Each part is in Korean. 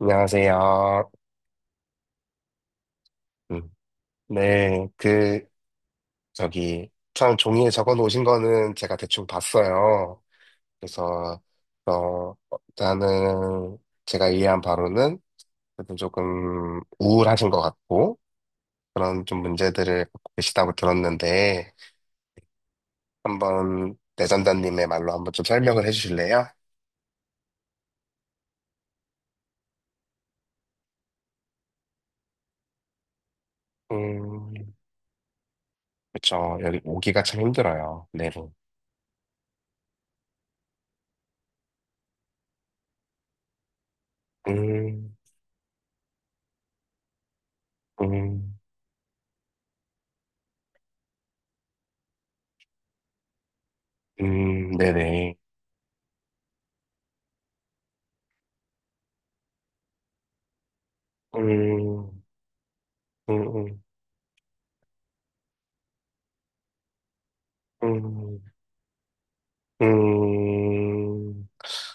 안녕하세요. 음, 네, 그, 저기, 처음 종이에 적어 놓으신 거는 제가 대충 봤어요. 그래서, 어, 일단은 제가 이해한 바로는 그래도 조금 우울하신 것 같고, 그런 좀 문제들을 갖고 계시다고 들었는데, 한번 내전자님의 말로 한번 좀 설명을 해 주실래요? 음, 그쵸. 여기 오기가 참 힘들어요. 내로. 음, 음, 네네. 음, 음, 음. 음, 음,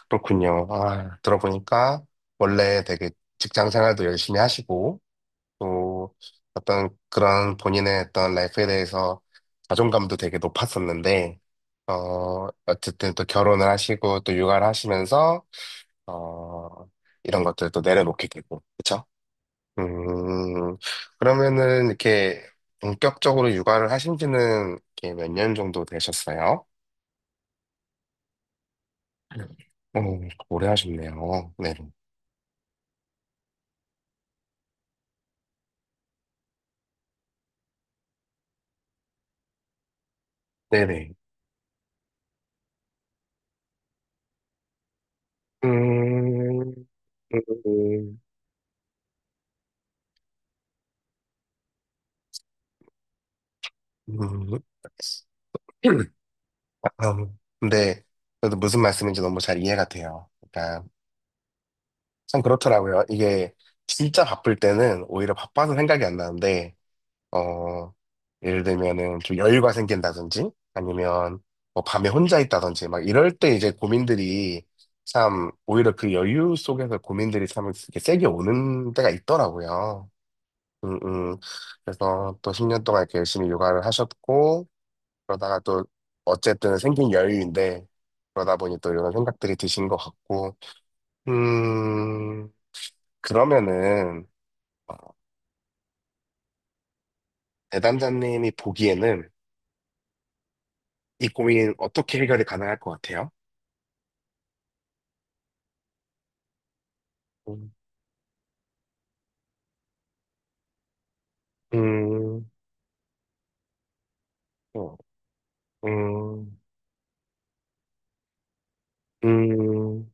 그렇군요. 아, 들어보니까 원래 되게 직장 생활도 열심히 하시고, 또 어떤 그런 본인의 어떤 라이프에 대해서 자존감도 되게 높았었는데, 어쨌든 또 결혼을 하시고, 또 육아를 하시면서, 어, 이런 것들을 또 내려놓게 되고, 그쵸? 음, 그러면은 이렇게 본격적으로 육아를 하신 지는 이렇게 몇 년 정도 되셨어요? 네. 오래 하셨네요. 네. 네네. 음, 음, 음, 음. 아, 근데 저도 무슨 말씀인지 너무 잘 이해가 돼요. 그러니까 참 그렇더라고요. 이게 진짜 바쁠 때는 오히려 바빠서 생각이 안 나는데, 어, 예를 들면은 좀 여유가 생긴다든지 아니면 뭐 밤에 혼자 있다든지 막 이럴 때 이제 고민들이 참 오히려 그 여유 속에서 고민들이 참 이렇게 세게 오는 때가 있더라고요. 음, 음. 그래서 또 10년 동안 이렇게 열심히 육아를 하셨고, 그러다가 또 어쨌든 생긴 여유인데, 그러다 보니 또 이런 생각들이 드신 것 같고, 음, 그러면은, 어, 내담자님이 보기에는 이 고민 어떻게 해결이 가능할 것 같아요? 음, 음, 어, 음, 음,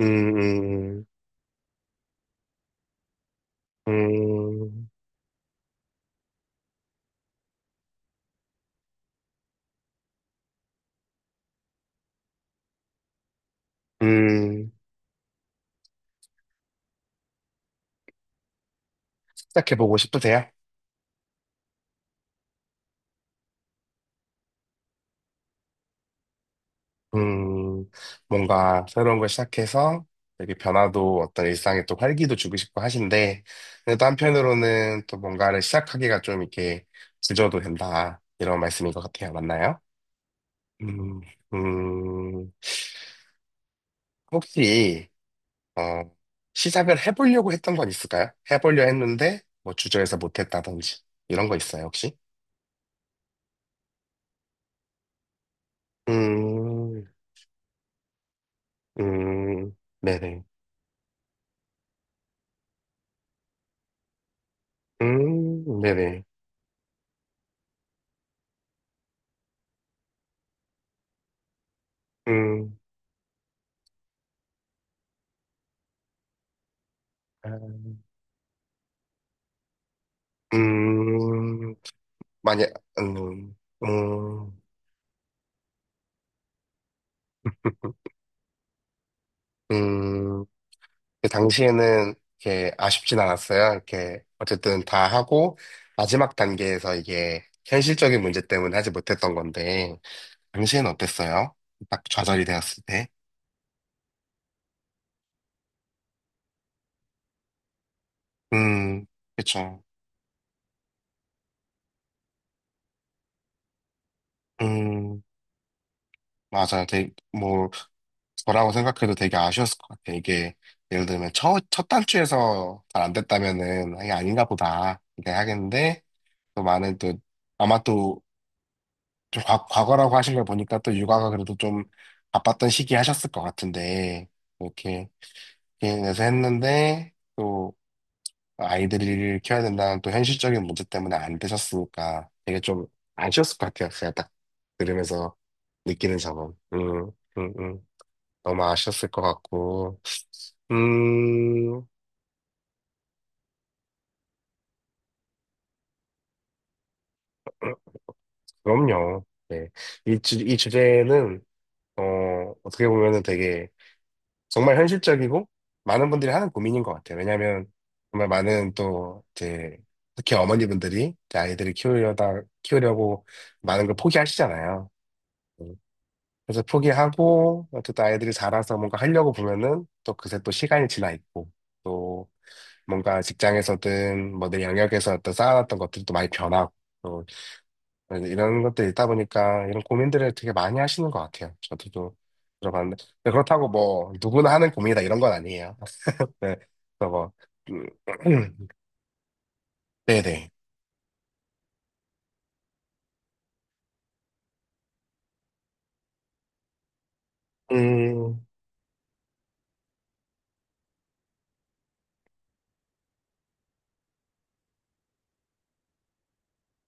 음, 음, 음, 음. 시작해보고 싶으세요? 음, 뭔가 새로운 걸 시작해서 되게 변화도 어떤 일상에 또 활기도 주고 싶고 하신데, 근데 또 한편으로는 또 뭔가를 시작하기가 좀 이렇게 주저도 된다. 이런 말씀인 것 같아요. 맞나요? 음, 음, 혹시, 어, 시작을 해보려고 했던 건 있을까요? 해보려 했는데, 뭐 주저해서 못했다든지, 이런 거 있어요, 혹시? 음, 음, 네네. 네네. 음. 아. 음, 만약, 음, 음, 음, 그 당시에는 이렇게 아쉽진 않았어요. 이렇게 어쨌든 다 하고 마지막 단계에서 이게 현실적인 문제 때문에 하지 못했던 건데 당시에는 어땠어요? 딱 좌절이 되었을 때. 음, 그쵸. 음. 맞아요. 되게, 뭐, 저라고 생각해도 되게 아쉬웠을 것 같아요. 이게, 예를 들면, 첫 단추에서 잘 안 됐다면은, 이게 아닌가 보다. 이렇게 하겠는데, 또 많은 또, 아마 또, 좀 과, 과거라고 하신 걸 보니까 또 육아가 그래도 좀 바빴던 시기 하셨을 것 같은데, 이렇게, 개인에서 했는데, 또, 아이들을 키워야 된다는 또 현실적인 문제 때문에 안 되셨으니까 되게 좀 아쉬웠을 것 같아요. 제가 딱 들으면서 느끼는 점은. 음, 음. 너무 아셨을 것 같고, 음, 그럼요. 네. 이 주제는, 어, 어떻게 보면은 되게 정말 현실적이고 많은 분들이 하는 고민인 것 같아요. 왜냐면 정말 많은 또, 이제, 특히 어머니분들이 이제 아이들을 키우려고 많은 걸 포기하시잖아요. 음, 그래서 포기하고, 어쨌든 아이들이 자라서 뭔가 하려고 보면은 또 그새 또 시간이 지나 있고, 또... 뭔가 직장에서든 뭐 내 영역에서 어떤 쌓아놨던 것들도 많이 변하고 또 이런 것들이 있다 보니까 이런 고민들을 되게 많이 하시는 것 같아요. 저도 좀 들어봤는데 근데 그렇다고 뭐 누구나 하는 고민이다 이런 건 아니에요. 네, 그래서 뭐 음, 네네 음,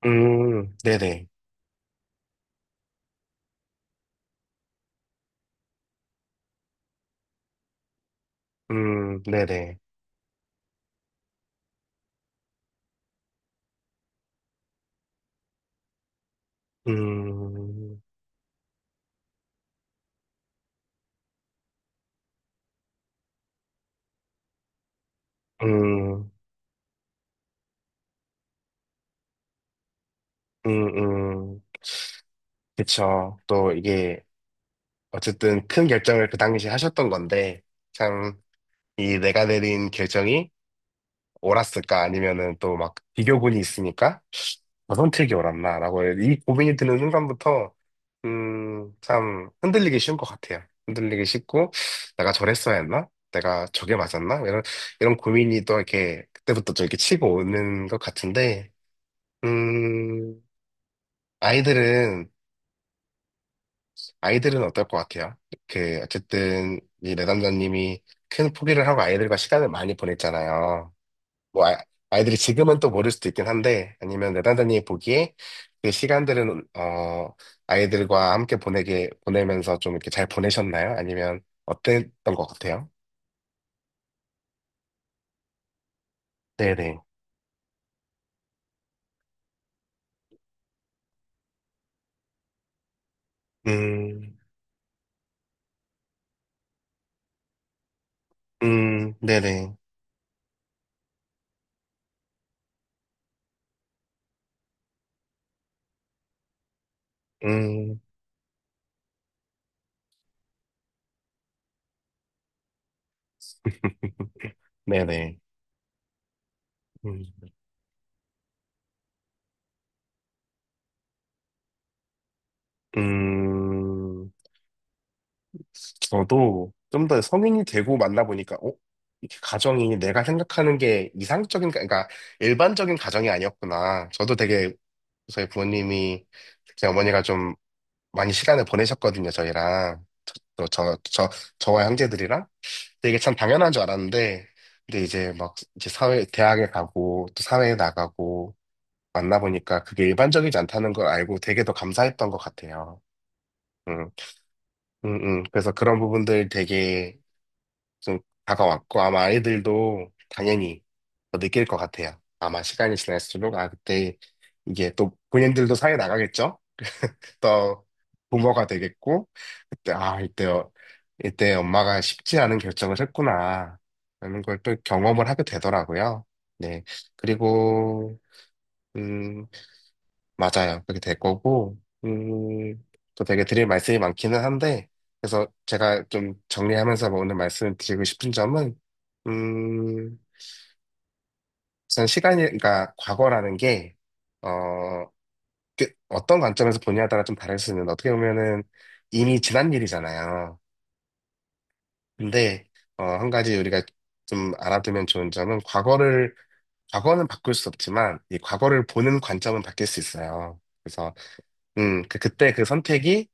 네네 네네 음, 음, 음, 음, 그쵸. 또 이게 어쨌든 큰 결정을 그 당시에 하셨던 건데 참. 이 내가 내린 결정이 옳았을까? 아니면은 또 막 비교군이 있으니까 저 선택이 옳았나라고 이 고민이 드는 순간부터 참 흔들리기 쉬운 것 같아요. 흔들리기 쉽고 내가 저랬어야 했나? 내가 저게 맞았나? 이런 이런 고민이 또 이렇게 그때부터 좀 이렇게 치고 오는 것 같은데 음, 아이들은 아이들은 어떨 것 같아요? 그 어쨌든 이 내담자님이 큰 포기를 하고 아이들과 시간을 많이 보냈잖아요. 뭐 아, 아이들이 지금은 또 모를 수도 있긴 한데 아니면 내단장님이 보기에 그 시간들은 어 아이들과 함께 보내게 보내면서 좀 이렇게 잘 보내셨나요? 아니면 어땠던 것 같아요? 네네. 음, 네네. 음, 네네. 음, 음, 저도 좀 더 성인이 되고 만나보니까, 어? 이렇게 가정이 내가 생각하는 게 이상적인, 그러니까 일반적인 가정이 아니었구나. 저도 되게 저희 부모님이 특히 어머니가 좀 많이 시간을 보내셨거든요, 저희랑. 저와 형제들이랑. 근데 이게 참 당연한 줄 알았는데, 근데 이제 막 이제 사회, 대학에 가고 또 사회에 나가고 만나보니까 그게 일반적이지 않다는 걸 알고 되게 더 감사했던 것 같아요. 음, 음, 그래서 그런 부분들 되게 좀 다가왔고 아마 아이들도 당연히 더 느낄 것 같아요. 아마 시간이 지날수록 아, 그때 이게 또 본인들도 사회 나가겠죠? 더 부모가 되겠고, 그때, 아, 이때, 이때 엄마가 쉽지 않은 결정을 했구나. 라는 걸 또 경험을 하게 되더라고요. 네. 그리고, 음, 맞아요. 그렇게 될 거고, 음, 또 되게 드릴 말씀이 많기는 한데, 그래서 제가 좀 정리하면서 뭐 오늘 말씀 드리고 싶은 점은, 음, 우선 시간이, 그러니까 과거라는 게, 어, 그 어떤 관점에서 보냐에 따라 좀 다를 수 있는데, 어떻게 보면은 이미 지난 일이잖아요. 근데 한 가지 우리가 좀 알아두면 좋은 점은 과거를 과거는 바꿀 수 없지만 이 과거를 보는 관점은 바뀔 수 있어요. 그래서 그 그때 그 선택이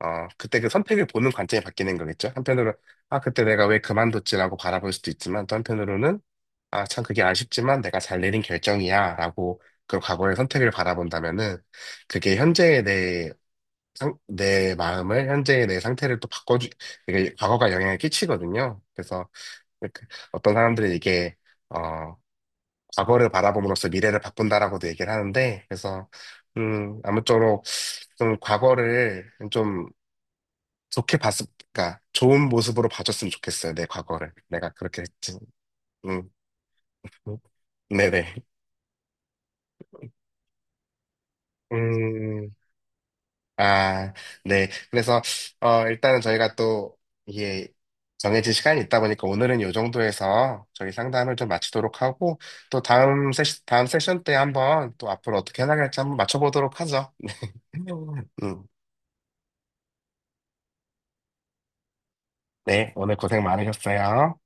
그때 그 선택을 보는 관점이 바뀌는 거겠죠. 한편으로 아, 그때 내가 왜 그만뒀지라고 바라볼 수도 있지만 또 한편으로는 아, 참 그게 아쉽지만 내가 잘 내린 결정이야라고 그 과거의 선택을 바라본다면은 그게 현재의 내, 내 마음을 현재의 내 상태를 또 바꿔주 이게 과거가 영향을 끼치거든요. 그래서 그- 어떤 사람들이 이게 어 과거를 바라봄으로써 미래를 바꾼다라고도 얘기를 하는데 그래서 아무쪼록 좀 과거를 좀 좋게 봤을 그러니까 좋은 모습으로 봐줬으면 좋겠어요. 내 과거를 내가 그렇게 했지. 음 음, 네네 음, 아, 네. 그래서, 일단은 저희가 또, 이게 정해진 시간이 있다 보니까 오늘은 이 정도에서 저희 상담을 좀 마치도록 하고, 또 다음 세션 때 한번 또 앞으로 어떻게 해나갈지 한번 맞춰보도록 하죠. 음, 네. 오늘 고생 많으셨어요.